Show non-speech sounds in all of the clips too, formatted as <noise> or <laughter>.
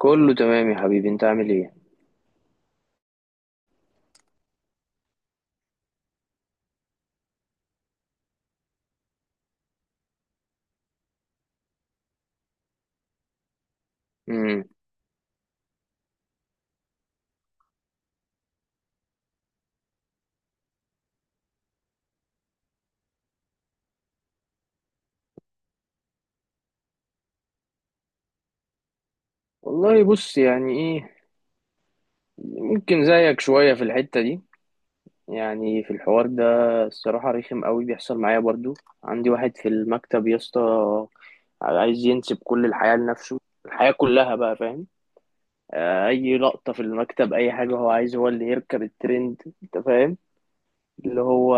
كله تمام يا حبيبي، انت عامل ايه؟ امم والله بص، يعني ايه، ممكن زيك شوية في الحتة دي، يعني في الحوار ده. الصراحة رخم قوي بيحصل معايا برضو. عندي واحد في المكتب يا اسطى عايز ينسب كل الحياة لنفسه، الحياة كلها بقى، فاهم؟ اي لقطة في المكتب، اي حاجة هو عايز، هو اللي يركب الترند، انت فاهم؟ اللي هو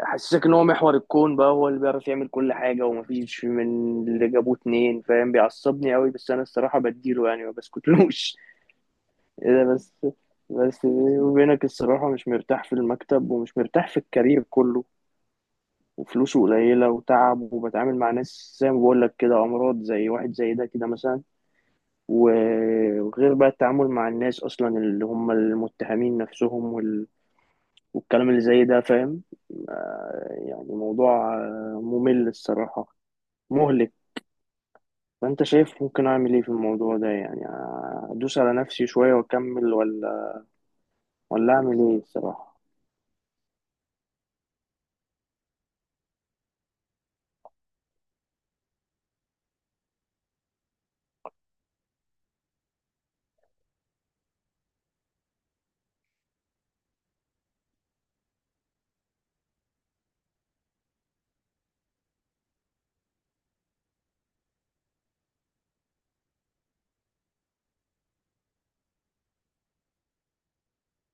حسسك ان هو محور الكون بقى، هو اللي بيعرف يعمل كل حاجه، ومفيش من اللي جابوه اتنين، فاهم؟ بيعصبني قوي، بس انا الصراحه بديله يعني، ما بسكتلوش. <laughs> إيه ده بس؟ بس بيني وبينك الصراحه مش مرتاح في المكتب ومش مرتاح في الكارير كله، وفلوسه قليله وتعب، وبتعامل مع ناس زي ما بقول لك كده، امراض زي واحد زي ده كده مثلا. وغير بقى التعامل مع الناس اصلا اللي هم المتهمين نفسهم والكلام اللي زي ده، فاهم؟ يعني موضوع ممل الصراحة، مهلك. فأنت شايف ممكن أعمل إيه في الموضوع ده يعني؟ أدوس على نفسي شوية وأكمل، ولا ولا أعمل إيه الصراحة؟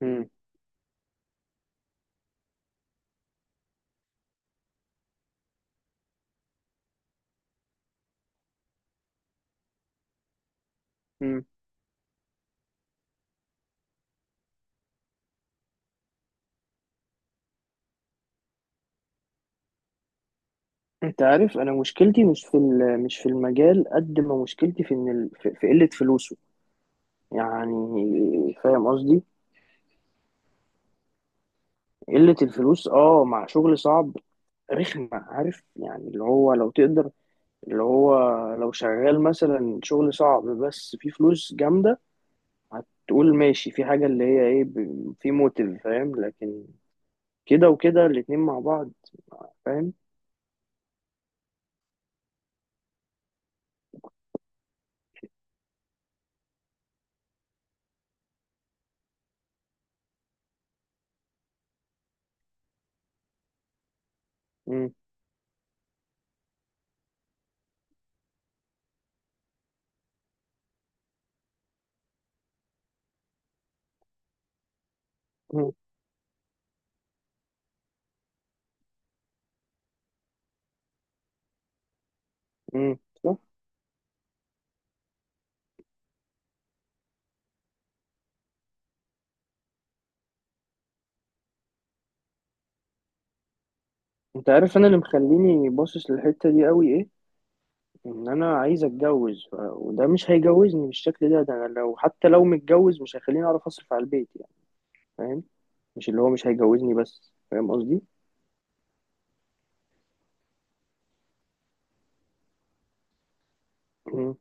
مم. مم. أنت عارف أنا مشكلتي مش في مش في المجال، قد ما مشكلتي في إن في قلة فلوسه يعني، فاهم قصدي؟ قلة الفلوس أه مع شغل صعب، رخمة، عارف يعني؟ اللي هو لو تقدر، اللي هو لو شغال مثلا شغل صعب بس فيه فلوس جامدة، هتقول ماشي، في حاجة اللي هي ايه، في موتيف، فاهم؟ لكن كده وكده الاتنين مع بعض، فاهم؟ مم. مم. مم. صح. انت عارف انا اللي مخليني باصص للحتة دي قوي ايه؟ ان انا عايز اتجوز، وده مش هيجوزني بالشكل ده، ده أنا لو حتى لو متجوز مش هيخليني اعرف اصرف على البيت يعني، فاهم؟ مش اللي هو مش هيجوزني، بس فاهم قصدي. مم.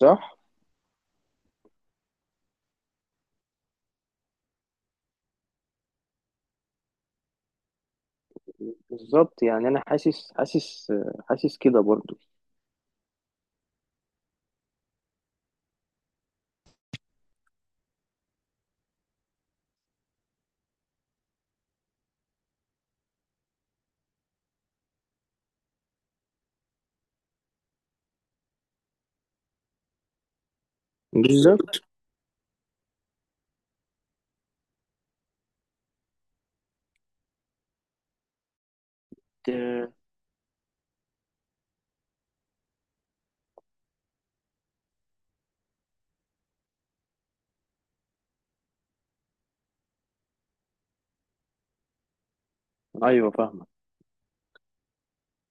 صح. بالظبط، يعني انا حاسس، حاسس، حاسس كده برضو. بالظبط. آه، ايوه فاهمك.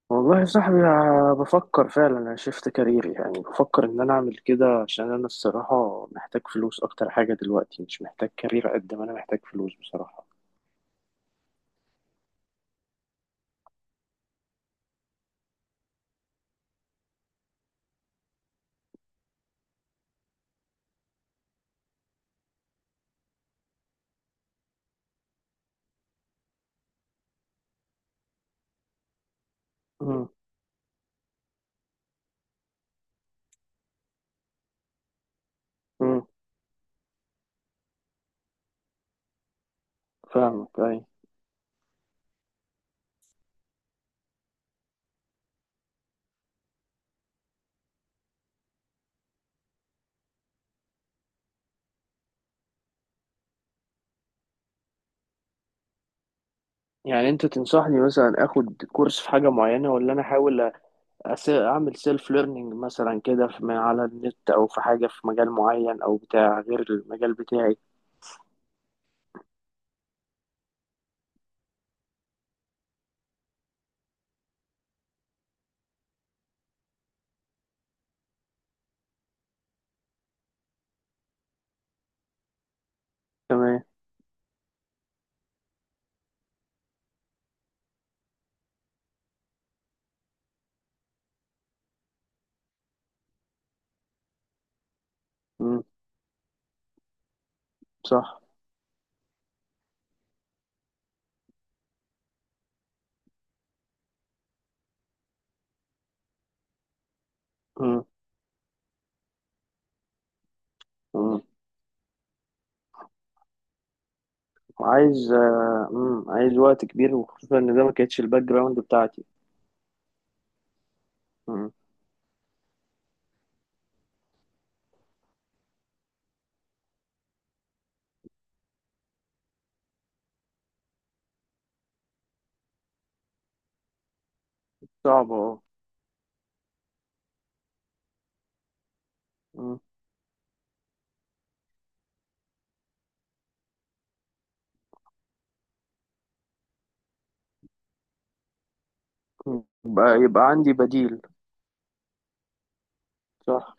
والله يا صاحبي، آه، بفكر فعلا انا شفت كاريري، يعني بفكر ان انا اعمل كده، عشان انا الصراحه محتاج فلوس اكتر حاجه دلوقتي، مش محتاج كارير قد ما انا محتاج فلوس بصراحه. امم. امم. فاهمك اي. يعني انت تنصحني مثلا اخد كورس في حاجه معينه، ولا انا احاول اعمل سيلف ليرنينج مثلا كده، من على النت، او في حاجه في مجال معين او بتاع غير المجال بتاعي؟ تمام. امم. صح. امم. عايز آه، عايز وقت كبير، وخصوصا ان ده ما كانتش الباك جراوند بتاعتي. مم، صعب اه. مم. يبقى يبقى عندي بديل. صح.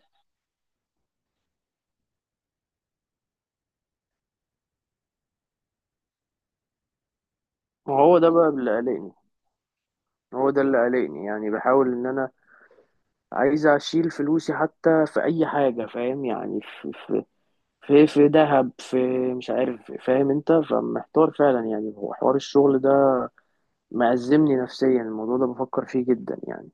وهو ده بقى اللي قلقني، هو ده اللي قلقني، يعني بحاول ان انا عايز اشيل فلوسي حتى في اي حاجة، فاهم؟ يعني في في في ذهب، في مش عارف، فاهم انت؟ فمحتار فعلا يعني، هو حوار الشغل ده مأزمني نفسيا، الموضوع ده بفكر فيه جدا يعني.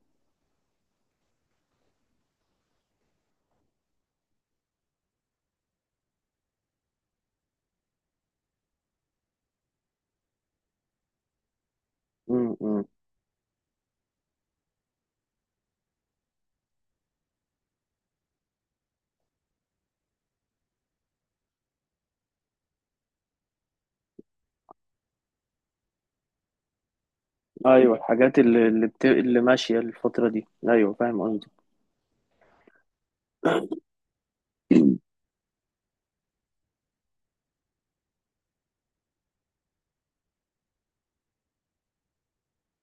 مم. ايوه، الحاجات اللي اللي ماشيه الفتره دي، ايوه فاهم قصدي. <clears throat>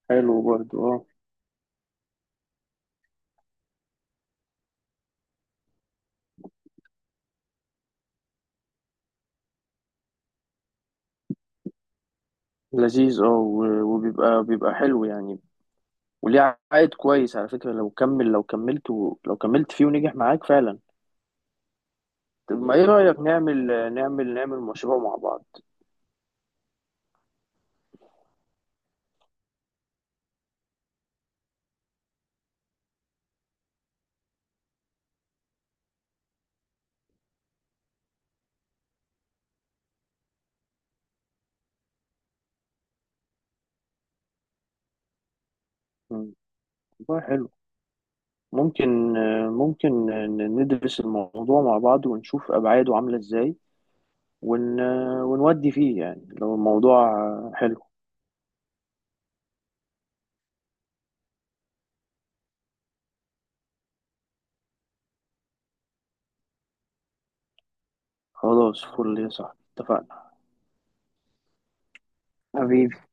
حلو برضه اه. لذيذ اه. وبيبقى بيبقى حلو يعني، وليه عائد كويس على فكره لو كمل، لو لو كملت فيه ونجح معاك فعلا. طب ما ايه رايك نعمل نعمل مشروع مع بعض؟ مم. والله حلو. ممكن، ممكن ندرس الموضوع مع بعض ونشوف أبعاده عاملة إزاي، ون... ونودي فيه يعني لو الموضوع حلو. خلاص فل يا صاحبي، اتفقنا. حبيبي.